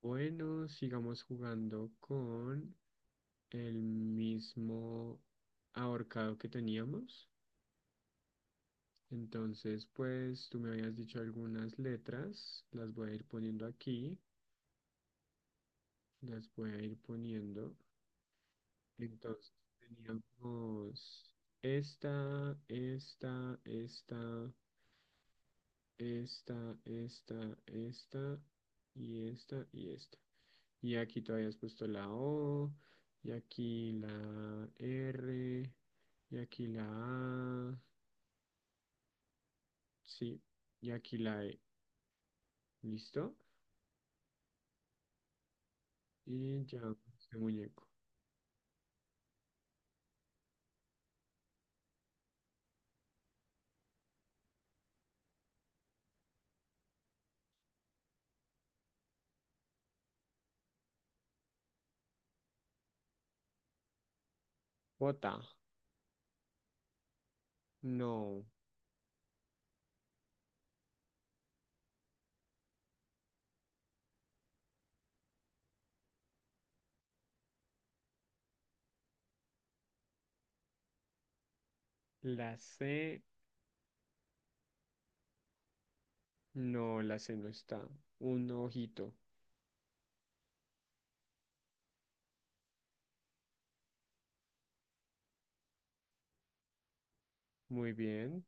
Bueno, sigamos jugando con el mismo ahorcado que teníamos. Entonces, pues tú me habías dicho algunas letras, las voy a ir poniendo aquí, las voy a ir poniendo. Entonces, teníamos esta, esta, esta, esta, esta, esta y esta y esta. Y aquí tú habías puesto la O, y aquí la R, y aquí la A, sí, y aquí la E. ¿Listo? Y ya, este muñeco. J, no. La C, no, la C no está. Un ojito. Muy bien.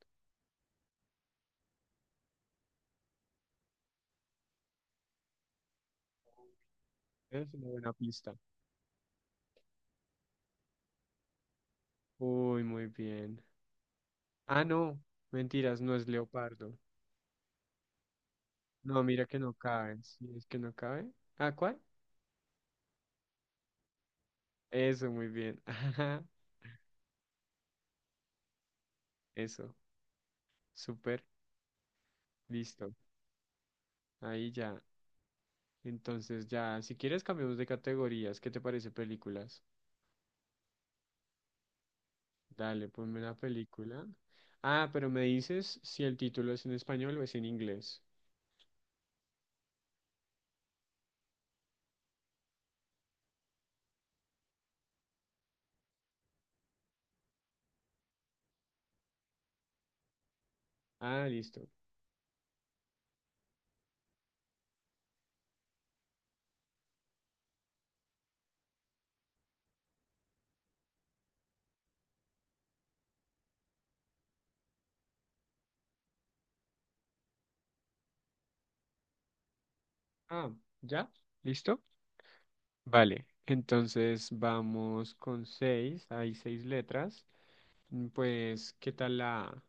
Es una buena pista. Uy, muy bien. Ah, no. Mentiras, no es leopardo. No, mira que no cabe. Sí, es que no cabe. ¿Ah, cuál? Eso, muy bien. Ajá, eso. Súper, listo. Ahí ya. Entonces ya, si quieres cambiamos de categorías. ¿Qué te parece películas? Dale, ponme una película. Ah, pero me dices si el título es en español o es en inglés. Ah, listo. Ah, ¿ya? ¿Listo? Vale. Entonces vamos con seis. Hay seis letras. Pues, ¿qué tal la A?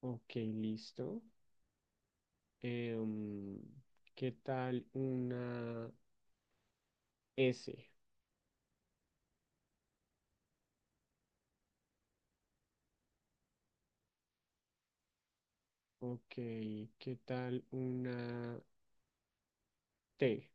Ok, listo. Em, ¿Qué tal una S? Ok, ¿qué tal una T?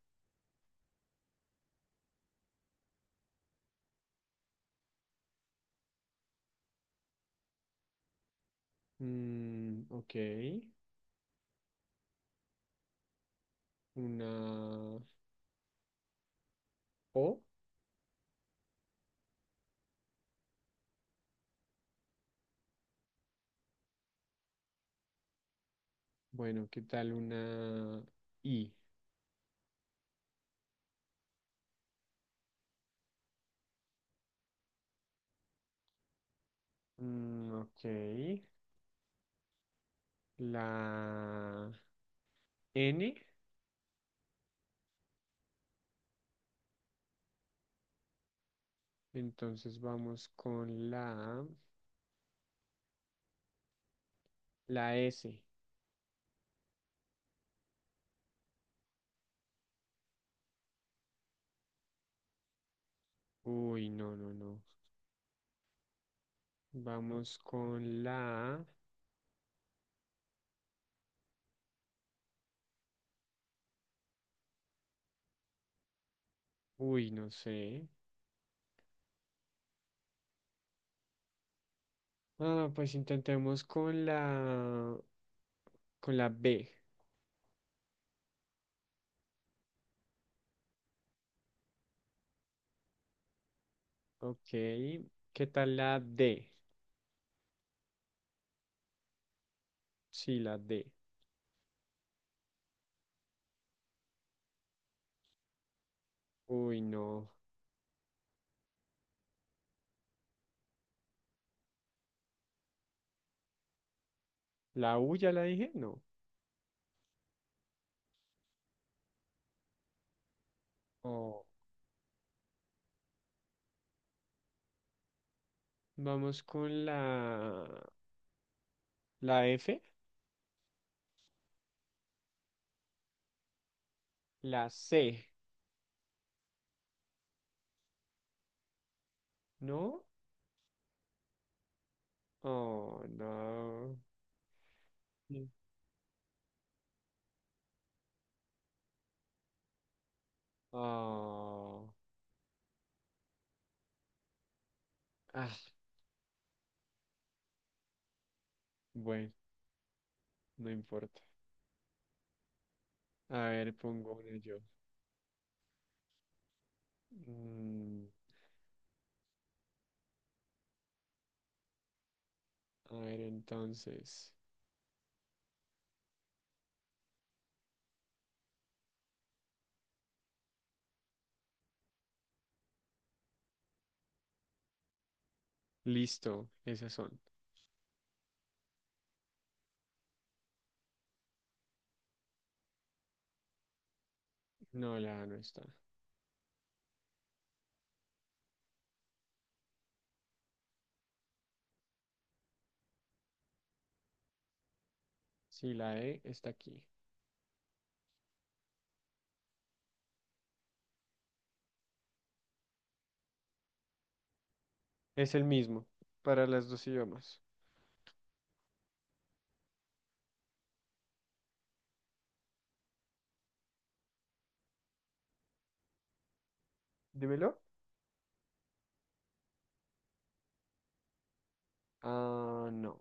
Ok, una O. Bueno, ¿qué tal una I? Ok, la N. Entonces vamos con la S. Uy, no, no, no. Vamos con la... Uy, no sé. Ah, pues intentemos con la B. Ok, ¿qué tal la D? Sí, la D. Uy, no. ¿La U ya la dije? No. Oh, vamos con la... ¿La F? La C, ¿no? Oh, no. Sí. Oh. Ah, bueno, no importa. A ver, pongo una yo. Mm, a ver, entonces. Listo, esas son. No, la A no está. Sí, la E está aquí. Es el mismo para las dos idiomas. Dímelo. Ah, no.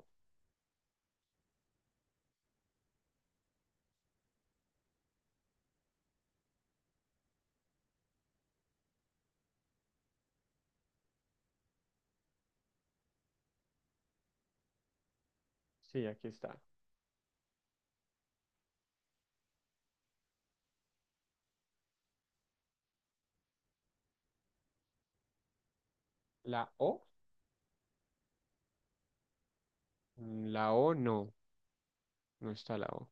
Sí, aquí está. ¿La O? La O no, no está la O.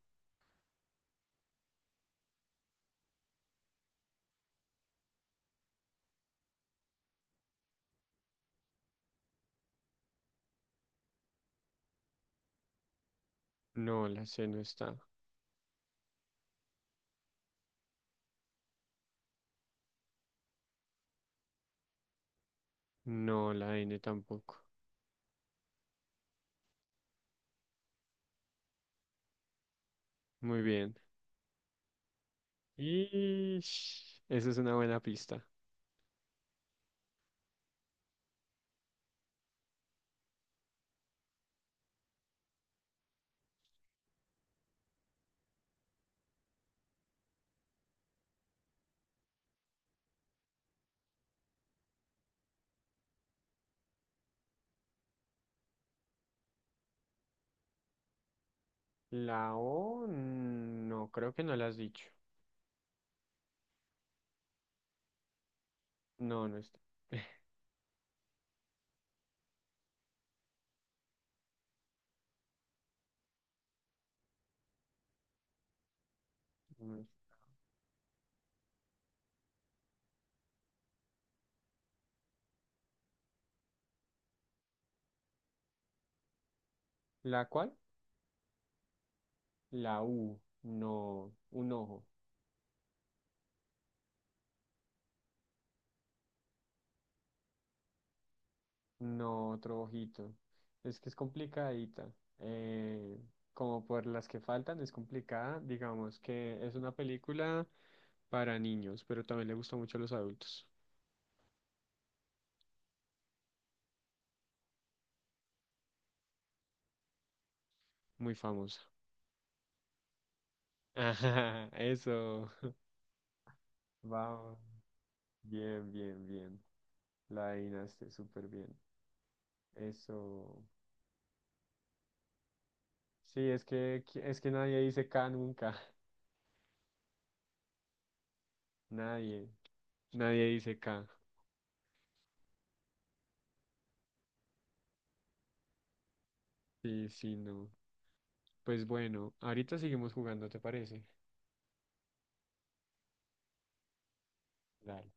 No, la C no está. No, la N tampoco. Muy bien. Y esa es una buena pista. La O no, creo que no la has dicho. No, no está. No está. ¿La cuál? La U. No, un ojo. No, otro ojito. Es que es complicadita. eh, Como por las que faltan, es complicada. Digamos que es una película para niños, pero también le gusta mucho a los adultos. Muy famosa. Ajá, eso. Vamos. Bien, bien, bien. La adivinaste súper bien. Eso. Sí, es que, nadie dice K nunca. Nadie. Nadie dice K. Sí, sí, no. Pues bueno, ahorita seguimos jugando, ¿te parece? Dale.